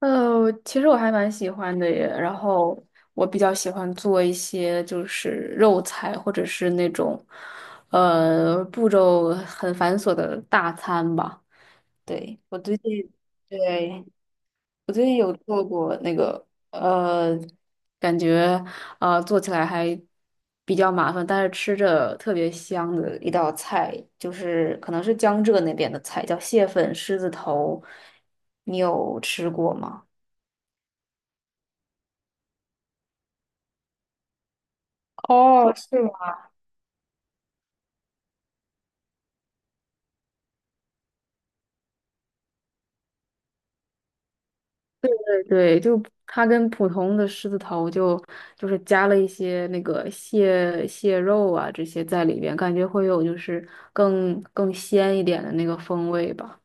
其实我还蛮喜欢的耶。然后我比较喜欢做一些就是肉菜，或者是那种步骤很繁琐的大餐吧。对，我最近，对，我最近有做过那个呃，感觉做起来还比较麻烦，但是吃着特别香的一道菜，就是可能是江浙那边的菜，叫蟹粉狮子头。你有吃过吗？哦，是吗？对对，就它跟普通的狮子头就是加了一些那个蟹肉啊这些在里边，感觉会有就是更鲜一点的那个风味吧。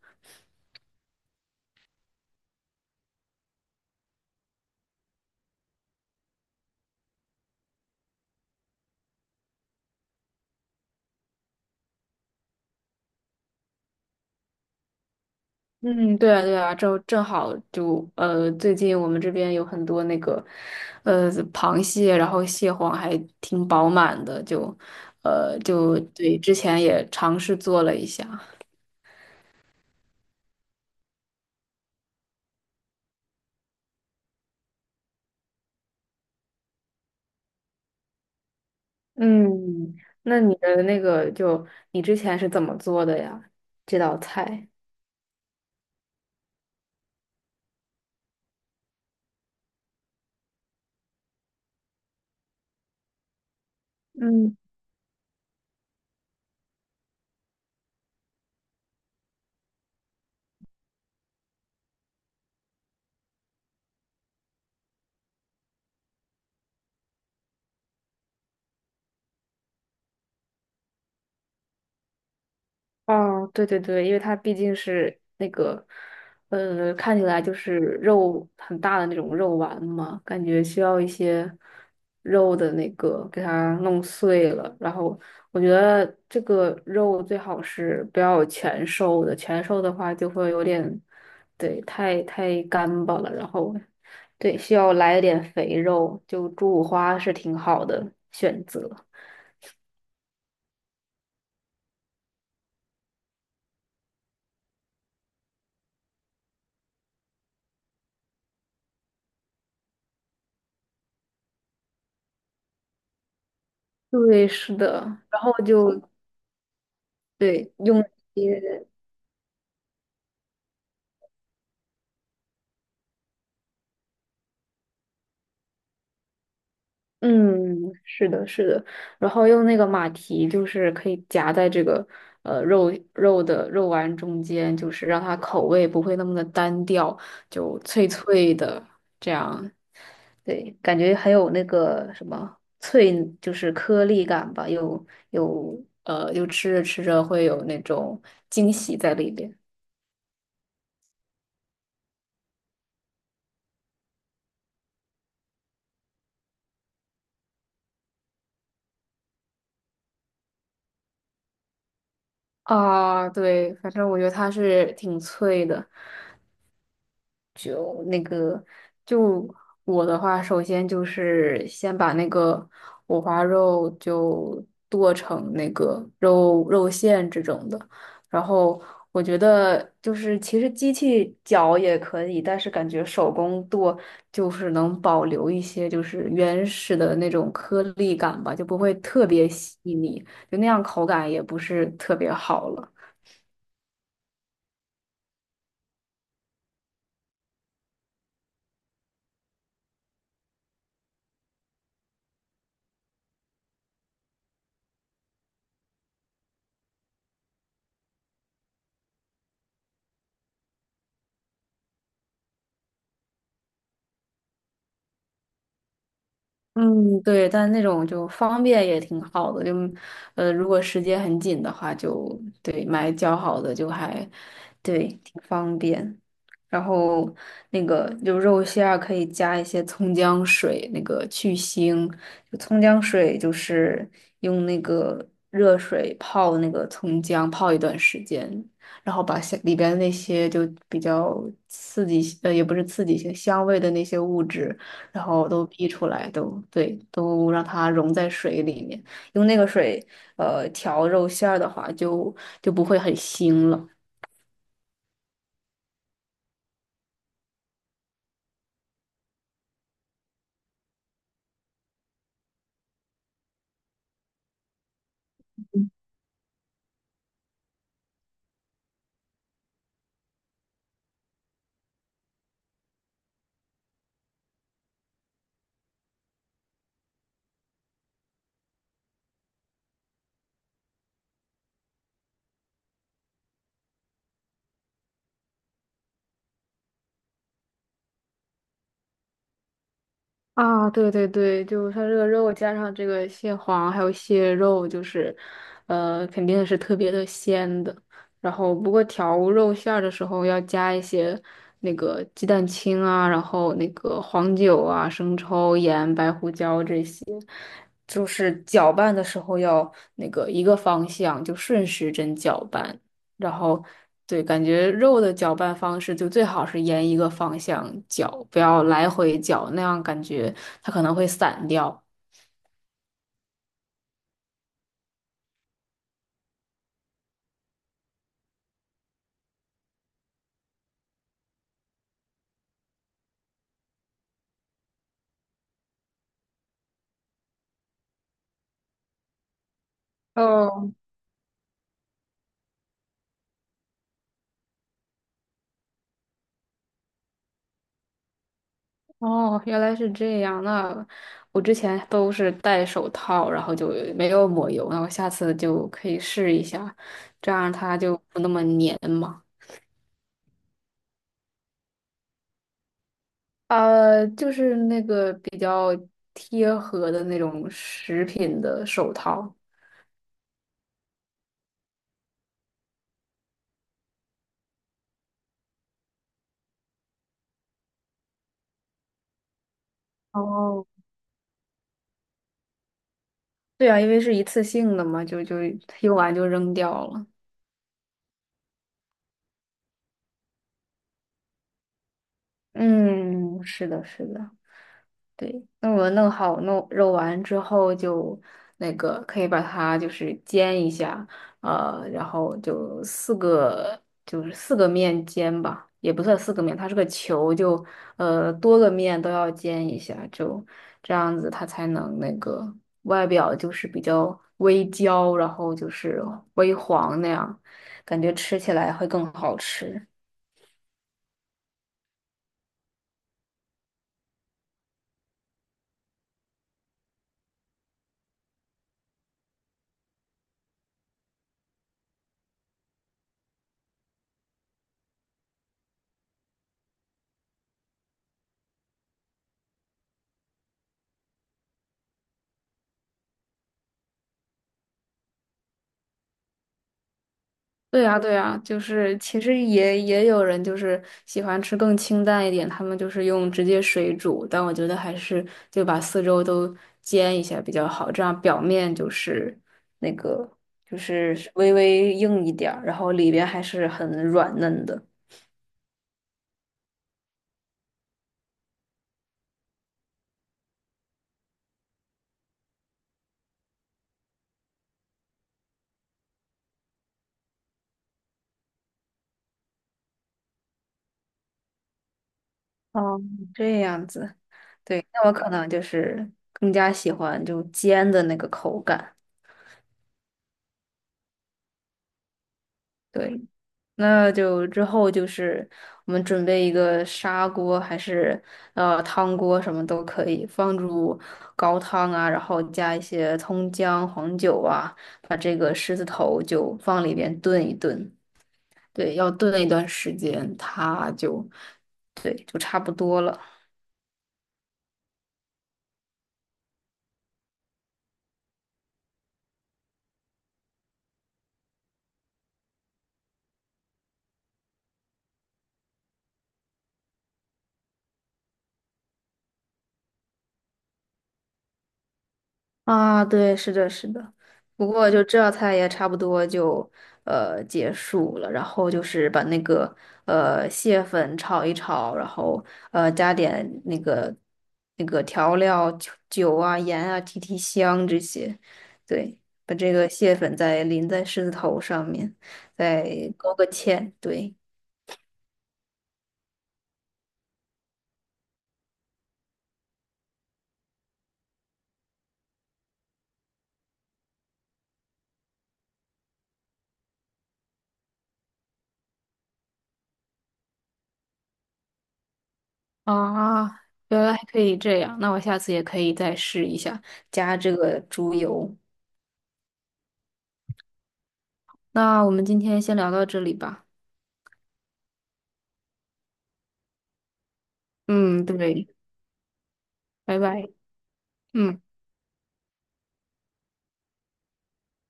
嗯，对啊对啊，正好就最近我们这边有很多那个螃蟹，然后蟹黄还挺饱满的，就就对，之前也尝试做了一下。嗯，那你的那个就你之前是怎么做的呀？这道菜？嗯。哦，对对对，因为它毕竟是那个，呃，看起来就是肉很大的那种肉丸嘛，感觉需要一些肉的那个给它弄碎了。然后我觉得这个肉最好是不要全瘦的，全瘦的话就会有点，对，太干巴了。然后，对，需要来一点肥肉，就猪五花是挺好的选择。对，是的，然后就对用。一些。嗯，是的，是的，然后用那个马蹄，就是可以夹在这个肉丸中间，就是让它口味不会那么的单调，就脆脆的这样，对，感觉很有那个什么脆，就是颗粒感吧，有就吃着吃着会有那种惊喜在里边。啊，对，反正我觉得它是挺脆的。就那个，就我的话，首先就是先把那个五花肉就剁成那个肉馅这种的，然后我觉得就是其实机器搅也可以，但是感觉手工剁就是能保留一些就是原始的那种颗粒感吧，就不会特别细腻，就那样口感也不是特别好了。嗯，对，但那种就方便也挺好的，就如果时间很紧的话就，对买较好的就还对挺方便。然后那个就肉馅儿可以加一些葱姜水，那个去腥。就葱姜水就是用那个热水泡那个葱姜，泡一段时间，然后把下里边那些就比较刺激，也不是刺激性，香味的那些物质。然后都逼出来，都对，都让它溶在水里面，用那个水调肉馅儿的话就不会很腥了。啊，对对对，就是它这个肉加上这个蟹黄还有蟹肉，就是，呃，肯定是特别的鲜的。然后不过调肉馅儿的时候要加一些那个鸡蛋清啊，然后那个黄酒啊、生抽、盐、白胡椒这些，就是搅拌的时候要那个一个方向，就顺时针搅拌。然后对，感觉肉的搅拌方式就最好是沿一个方向搅，不要来回搅，那样感觉它可能会散掉。哦哦，原来是这样。那我之前都是戴手套，然后就没有抹油。那我下次就可以试一下，这样它就不那么粘嘛。呃，就是那个比较贴合的那种食品的手套。哦。对啊，因为是一次性的嘛，就用完就扔掉了。嗯，是的，是的。对，那我弄好弄肉丸之后就那个可以把它就是煎一下，然后就四个就是四个面煎吧，也不算四个面，它是个球，就多个面都要煎一下，就这样子它才能那个外表就是比较微焦，然后就是微黄那样，感觉吃起来会更好吃。对呀，对呀，就是其实也有人就是喜欢吃更清淡一点，他们就是用直接水煮，但我觉得还是就把四周都煎一下比较好，这样表面就是那个就是微微硬一点儿，然后里边还是很软嫩的。哦，这样子，对，那我可能就是更加喜欢就煎的那个口感。对。那就之后就是我们准备一个砂锅，还是汤锅，什么都可以，放入高汤啊，然后加一些葱姜、黄酒啊，把这个狮子头就放里边炖一炖。对，要炖一段时间，它就对，就差不多了。啊，对，是的，是的。不过就这道菜也差不多就结束了，然后就是把那个蟹粉炒一炒，然后加点那个那个调料酒啊、盐啊提香这些，对，把这个蟹粉再淋在狮子头上面，再勾个芡，对。啊，原来还可以这样，那我下次也可以再试一下，加这个猪油。那我们今天先聊到这里吧。嗯，对，拜拜。嗯。